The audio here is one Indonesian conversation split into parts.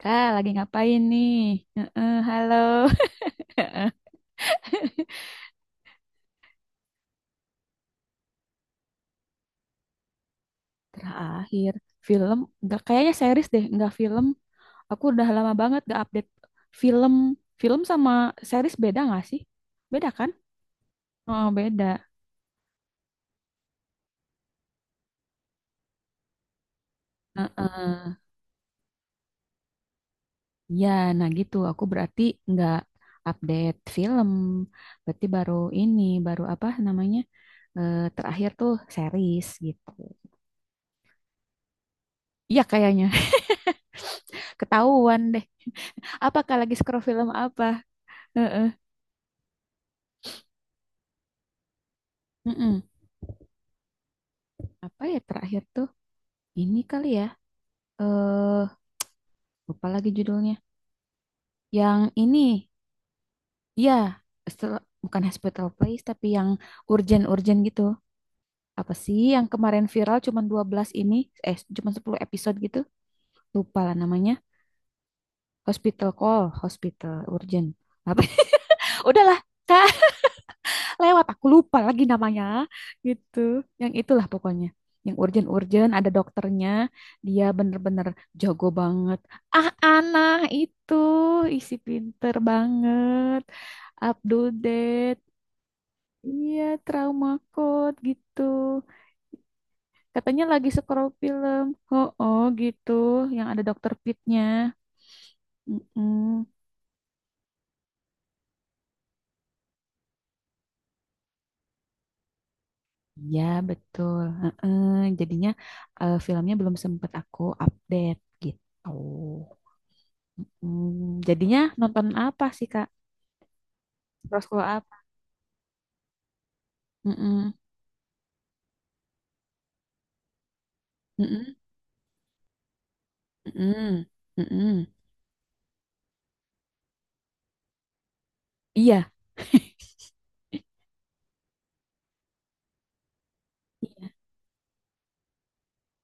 Kak, lagi ngapain nih? Heeh, halo. Heeh. Terakhir film, nggak kayaknya series deh, nggak film. Aku udah lama banget gak update film. Film sama series beda nggak sih? Beda kan? Oh, beda. Heeh. Ya, nah gitu. Aku berarti nggak update film. Berarti baru ini, baru apa namanya? Terakhir tuh series gitu. Iya kayaknya. Ketahuan deh. Apakah lagi scroll film apa? Heeh. Mm-mm. Apa ya terakhir tuh, ini kali ya, eh lupa lagi judulnya yang ini, ya, bukan Hospital Playlist, tapi yang urgent-urgent gitu. Apa sih yang kemarin viral, cuman 12 ini, cuman 10 episode gitu. Lupa lah namanya, Hospital Call, Hospital Urgent apa. Udahlah, Kak, lewat, aku lupa lagi namanya gitu. Yang itulah pokoknya, yang urgent-urgent, ada dokternya, dia bener-bener jago banget. Ah, Ana itu isi pinter banget. Update, iya, trauma code gitu, katanya lagi scroll film. Oh, oh gitu, yang ada dokter Pitnya. Mm. Iya betul. Heeh. Jadinya, filmnya belum sempat aku update gitu. Hmm, jadinya nonton apa sih, Kak? Bioskop apa? Mm-mm, mm-mm, mm-mm, mm-mm. Iya, iya.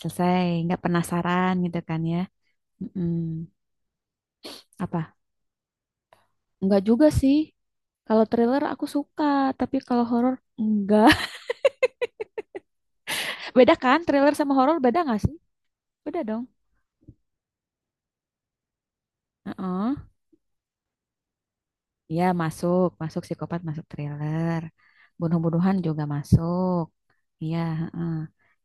Selesai. Nggak penasaran gitu kan ya? Mm-mm. Apa? Nggak juga sih. Kalau thriller aku suka, tapi kalau horor enggak. Beda kan? Thriller sama horor beda nggak sih? Beda dong. Heeh. Iya masuk, masuk psikopat masuk thriller. Bunuh-bunuhan juga masuk. Iya, heeh.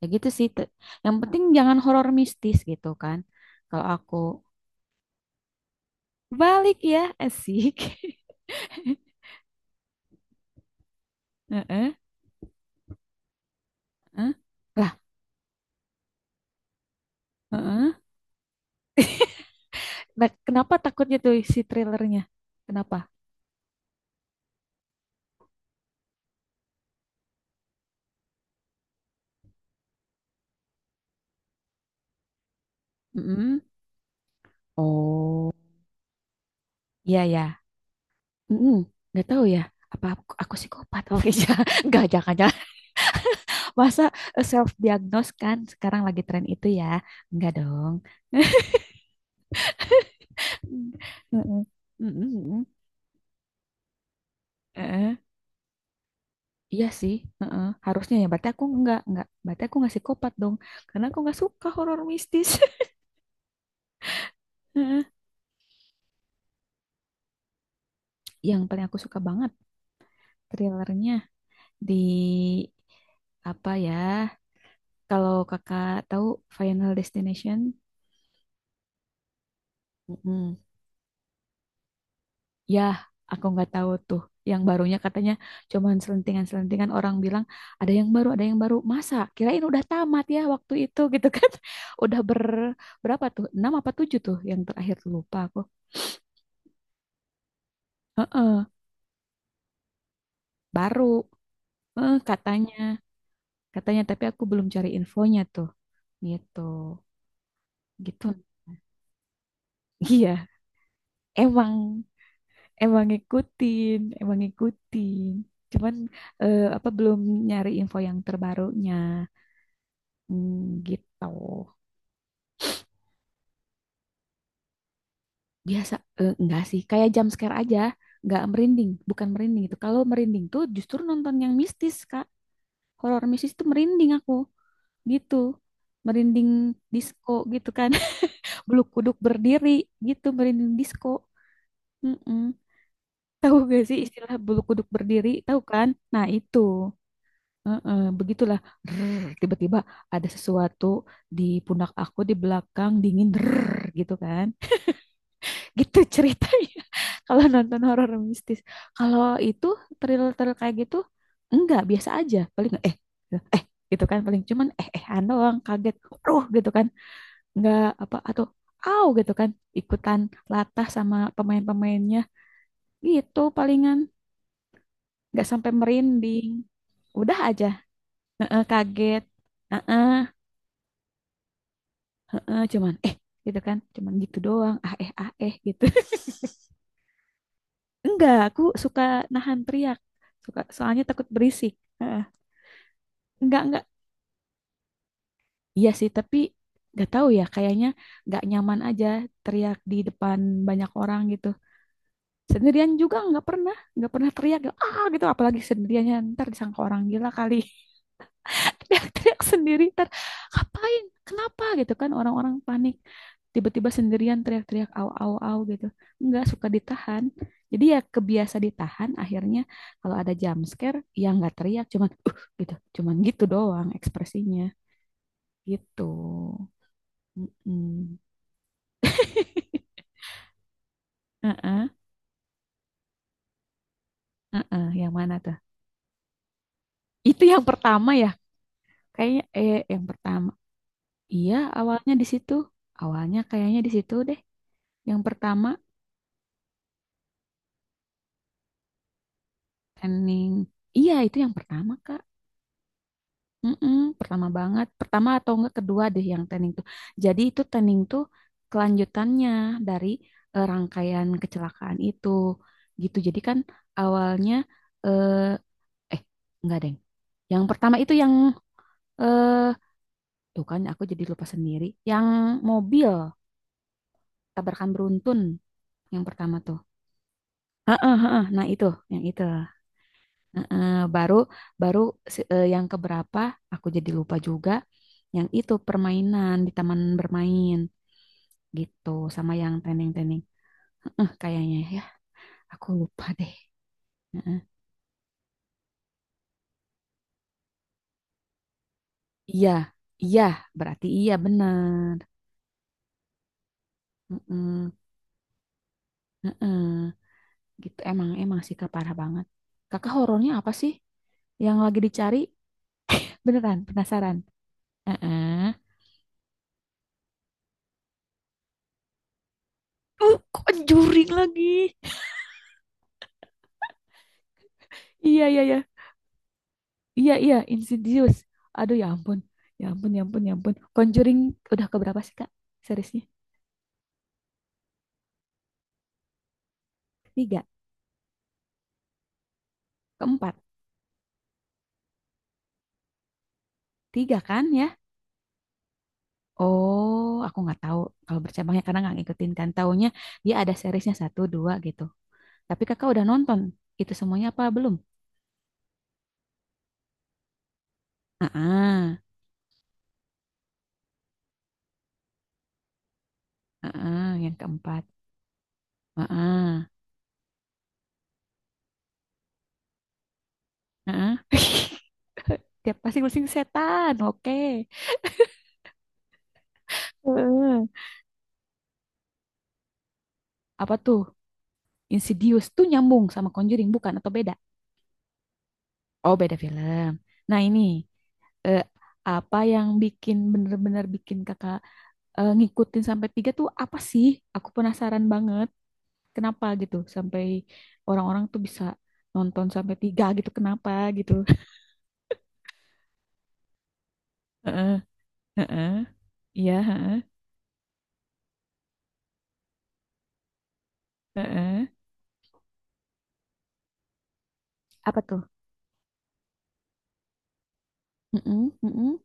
Ya gitu sih. Te- yang penting jangan horor mistis gitu kan. Kalau aku balik ya, asik. Heeh, heeh. Lah, heeh. Nah, kenapa takutnya tuh si thrillernya? Kenapa? Mm-mm. Oh, iya ya. Mm-mm. Nggak tahu ya. Apa aku psikopat? Oh iya, nggak jangan-jangan. Masa self diagnose kan sekarang lagi tren itu ya? Enggak dong. Mm-mm. Mm-mm. Heeh. Iya sih, heeh. Harusnya ya. Berarti aku nggak, nggak. Berarti aku ngasih kopat dong. Karena aku nggak suka horor mistis. Heeh. Yang paling aku suka banget thrillernya di apa ya? Kalau kakak tahu Final Destination, mm-mm, ya aku nggak tahu tuh. Yang barunya katanya, cuman selentingan-selentingan orang bilang ada yang baru, ada yang baru. Masa? Kirain udah tamat ya waktu itu gitu kan? Udah berapa tuh? 6 apa 7 tuh yang terakhir, lupa aku. Heeh, baru. Eh, katanya, katanya, tapi aku belum cari infonya tuh, gitu, gitu. Iya, emang, emang ngikutin. Cuman apa belum nyari info yang terbarunya, hmm, gitu. Biasa, enggak sih, kayak jump scare aja, nggak merinding, bukan merinding itu. Kalau merinding tuh justru nonton yang mistis, Kak. Horor mistis tuh merinding aku, gitu. Merinding disco gitu kan, bulu kuduk berdiri gitu, merinding disco. Mm-mm. Tahu gak sih istilah bulu kuduk berdiri? Tahu kan? Nah, itu. Heeh, begitulah. Tiba-tiba ada sesuatu di pundak aku, di belakang dingin, drrrr, gitu kan. Gitu ceritanya. Kalau nonton horor mistis. Kalau itu thriller-thriller kayak gitu enggak, biasa aja. Paling eh gitu kan, paling cuman doang kaget. Aduh gitu kan. Enggak apa atau au gitu kan. Ikutan latah sama pemain-pemainnya. Gitu palingan. Nggak sampai merinding. Udah aja. Heeh, kaget. Heeh, heeh, cuman gitu kan, cuman gitu doang, ah eh gitu. Enggak, aku suka nahan teriak, suka, soalnya takut berisik. Heeh. Enggak, iya sih. Tapi nggak tahu ya, kayaknya nggak nyaman aja teriak di depan banyak orang gitu. Sendirian juga nggak pernah teriak ah gitu, apalagi sendiriannya ntar disangka orang gila kali. Teriak-teriak sendiri ntar ngapain, kenapa gitu kan, orang-orang panik tiba-tiba sendirian teriak-teriak au au au gitu. Nggak suka, ditahan. Jadi ya kebiasa ditahan akhirnya, kalau ada jump scare ya nggak teriak, cuman gitu, cuman gitu doang ekspresinya gitu. Mm-mm. Heeh, heeh, yang mana tuh? Itu yang pertama ya, kayaknya yang pertama. Iya, awalnya di situ. Awalnya kayaknya di situ deh. Yang pertama. Tanning. Iya, itu yang pertama, Kak. Mm-mm, pertama banget. Pertama atau enggak kedua deh yang tanning tuh. Jadi itu tanning tuh kelanjutannya dari rangkaian kecelakaan itu. Gitu. Jadi kan awalnya eh eh enggak, Deng. Yang pertama itu yang eh tuh kan aku jadi lupa sendiri. Yang mobil tabrakan beruntun yang pertama tuh. Heeh, nah itu, yang itu. Heeh, baru baru si- eh, yang keberapa aku jadi lupa juga, yang itu permainan di taman bermain gitu, sama yang tending-tending. Heeh, kayaknya ya, aku lupa deh. Heeh. Iya, iya, berarti iya benar. Heeh, heeh. Gitu emang, emang sih Kak, parah banget. Kakak horornya apa sih yang lagi dicari? Beneran penasaran. Heeh. Kok juring lagi. Iya iya iya. Iya, iya, Insidious. Aduh, ya ampun. Ya ampun, ya ampun, ya ampun. Conjuring udah keberapa sih, Kak? Seriesnya? 3. Ke-4. 3 kan ya? Oh, aku nggak tahu kalau bercabangnya, karena nggak ngikutin kan. Taunya dia ada seriesnya, satu, dua gitu. Tapi kakak udah nonton itu semuanya apa belum? Ah, yang ke-4. Ah, ah, Tiap pasing-pasing setan. Oke. Heeh. Apa tuh? Insidious tuh nyambung sama Conjuring bukan atau beda? Oh, beda film. Nah, ini eh, apa yang bikin bener-bener bikin kakak ngikutin sampai 3 tuh apa sih? Aku penasaran banget. Kenapa gitu? Sampai orang-orang tuh bisa nonton sampai 3 gitu. Kenapa gitu? Heeh, heeh. Iya, heeh, heeh. Apa tuh? Heeh, heeh,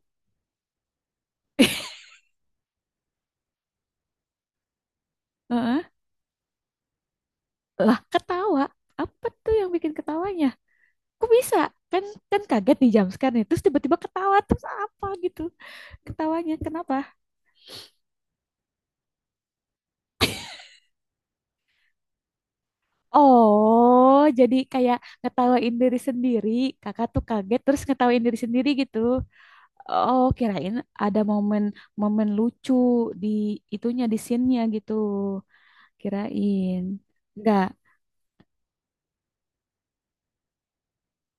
heeh. Lah, ketawa. Apa tuh yang bikin ketawanya? Kok bisa? Kan kan kaget nih jam nih. Terus tiba-tiba ketawa. Terus apa gitu? Ketawanya kenapa? Oh, jadi kayak ngetawain diri sendiri. Kakak tuh kaget terus ngetawain diri sendiri gitu. Oh, kirain ada momen-momen lucu di itunya, di scene-nya gitu. Kirain. Enggak.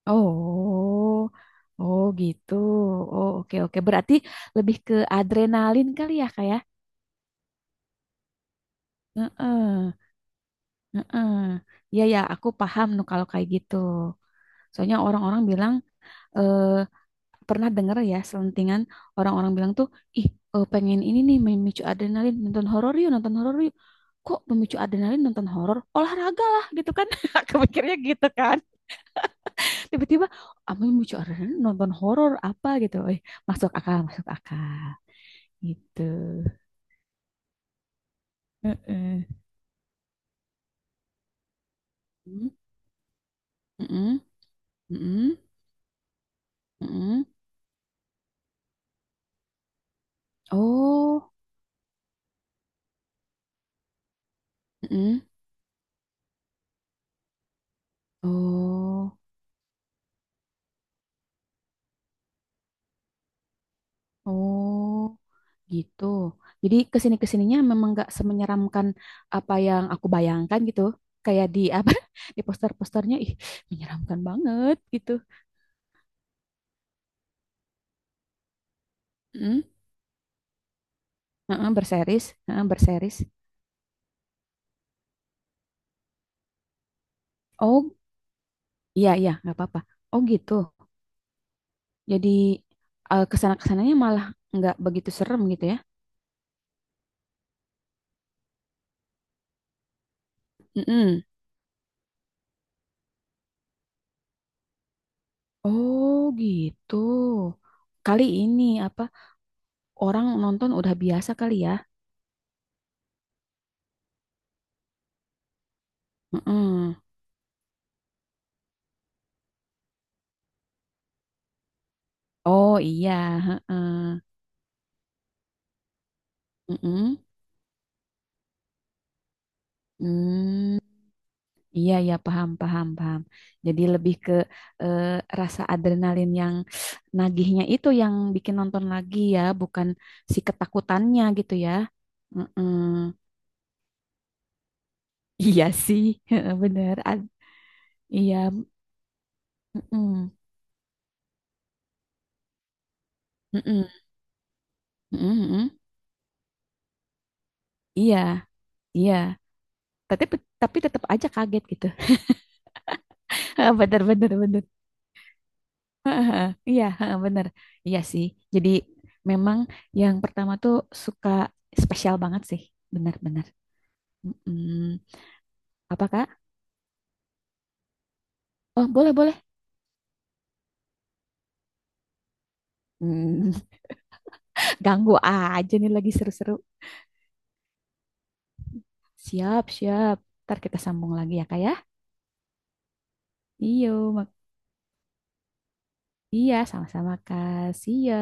Oh, oh gitu. Oh, oke oke. Berarti lebih ke adrenalin kali ya kayak. Heeh, heeh. Ya ya, aku paham nu kalau kayak gitu. Soalnya orang-orang bilang eh, pernah denger ya selentingan orang-orang bilang tuh ih, pengen ini nih memicu adrenalin, nonton horor yuk, nonton horor yuk. Kok memicu adrenalin nonton horor, olahraga lah gitu kan. Aku mikirnya gitu kan, tiba-tiba ah, memicu adrenalin nonton horor apa gitu, masuk akal, masuk akal gitu. Heeh. Mm, mm-mm, mm-mm, mm-mm. Oh, mm-mm. Oh, oh gitu. Jadi kesini-kesininya memang nggak semenyeramkan apa yang aku bayangkan gitu. Kayak di apa di poster-posternya ih menyeramkan banget gitu. Hmm, heeh, berseris, heeh, berseris. Oh iya iya nggak apa-apa. Oh gitu. Jadi kesana-kesananya malah nggak begitu serem gitu ya. Mm-mm. Oh gitu. Kali ini apa, orang nonton udah biasa kali ya. Mm-mm. Oh iya. Heeh. Mm-mm. Hmm. Iya, ya paham, paham, paham. Jadi lebih ke eh, rasa adrenalin yang nagihnya itu yang bikin nonton lagi ya, bukan si ketakutannya gitu ya. Mm-mm. Iya sih, bener. Ad- iya, mm-mm. Mm-mm. Mm-mm, mm-mm. Iya, iya. Tapi tapi tetap aja kaget gitu. Bener, bener, bener. Iya, bener. Iya sih. Jadi memang yang pertama tuh suka spesial banget sih, benar-benar. Apa, Kak? Oh, boleh, boleh. Hmm, ganggu aja nih lagi seru-seru. Siap, siap. Ntar kita sambung lagi ya, Kak ya. Iyo, mak- iya, sama-sama, Kak. See ya.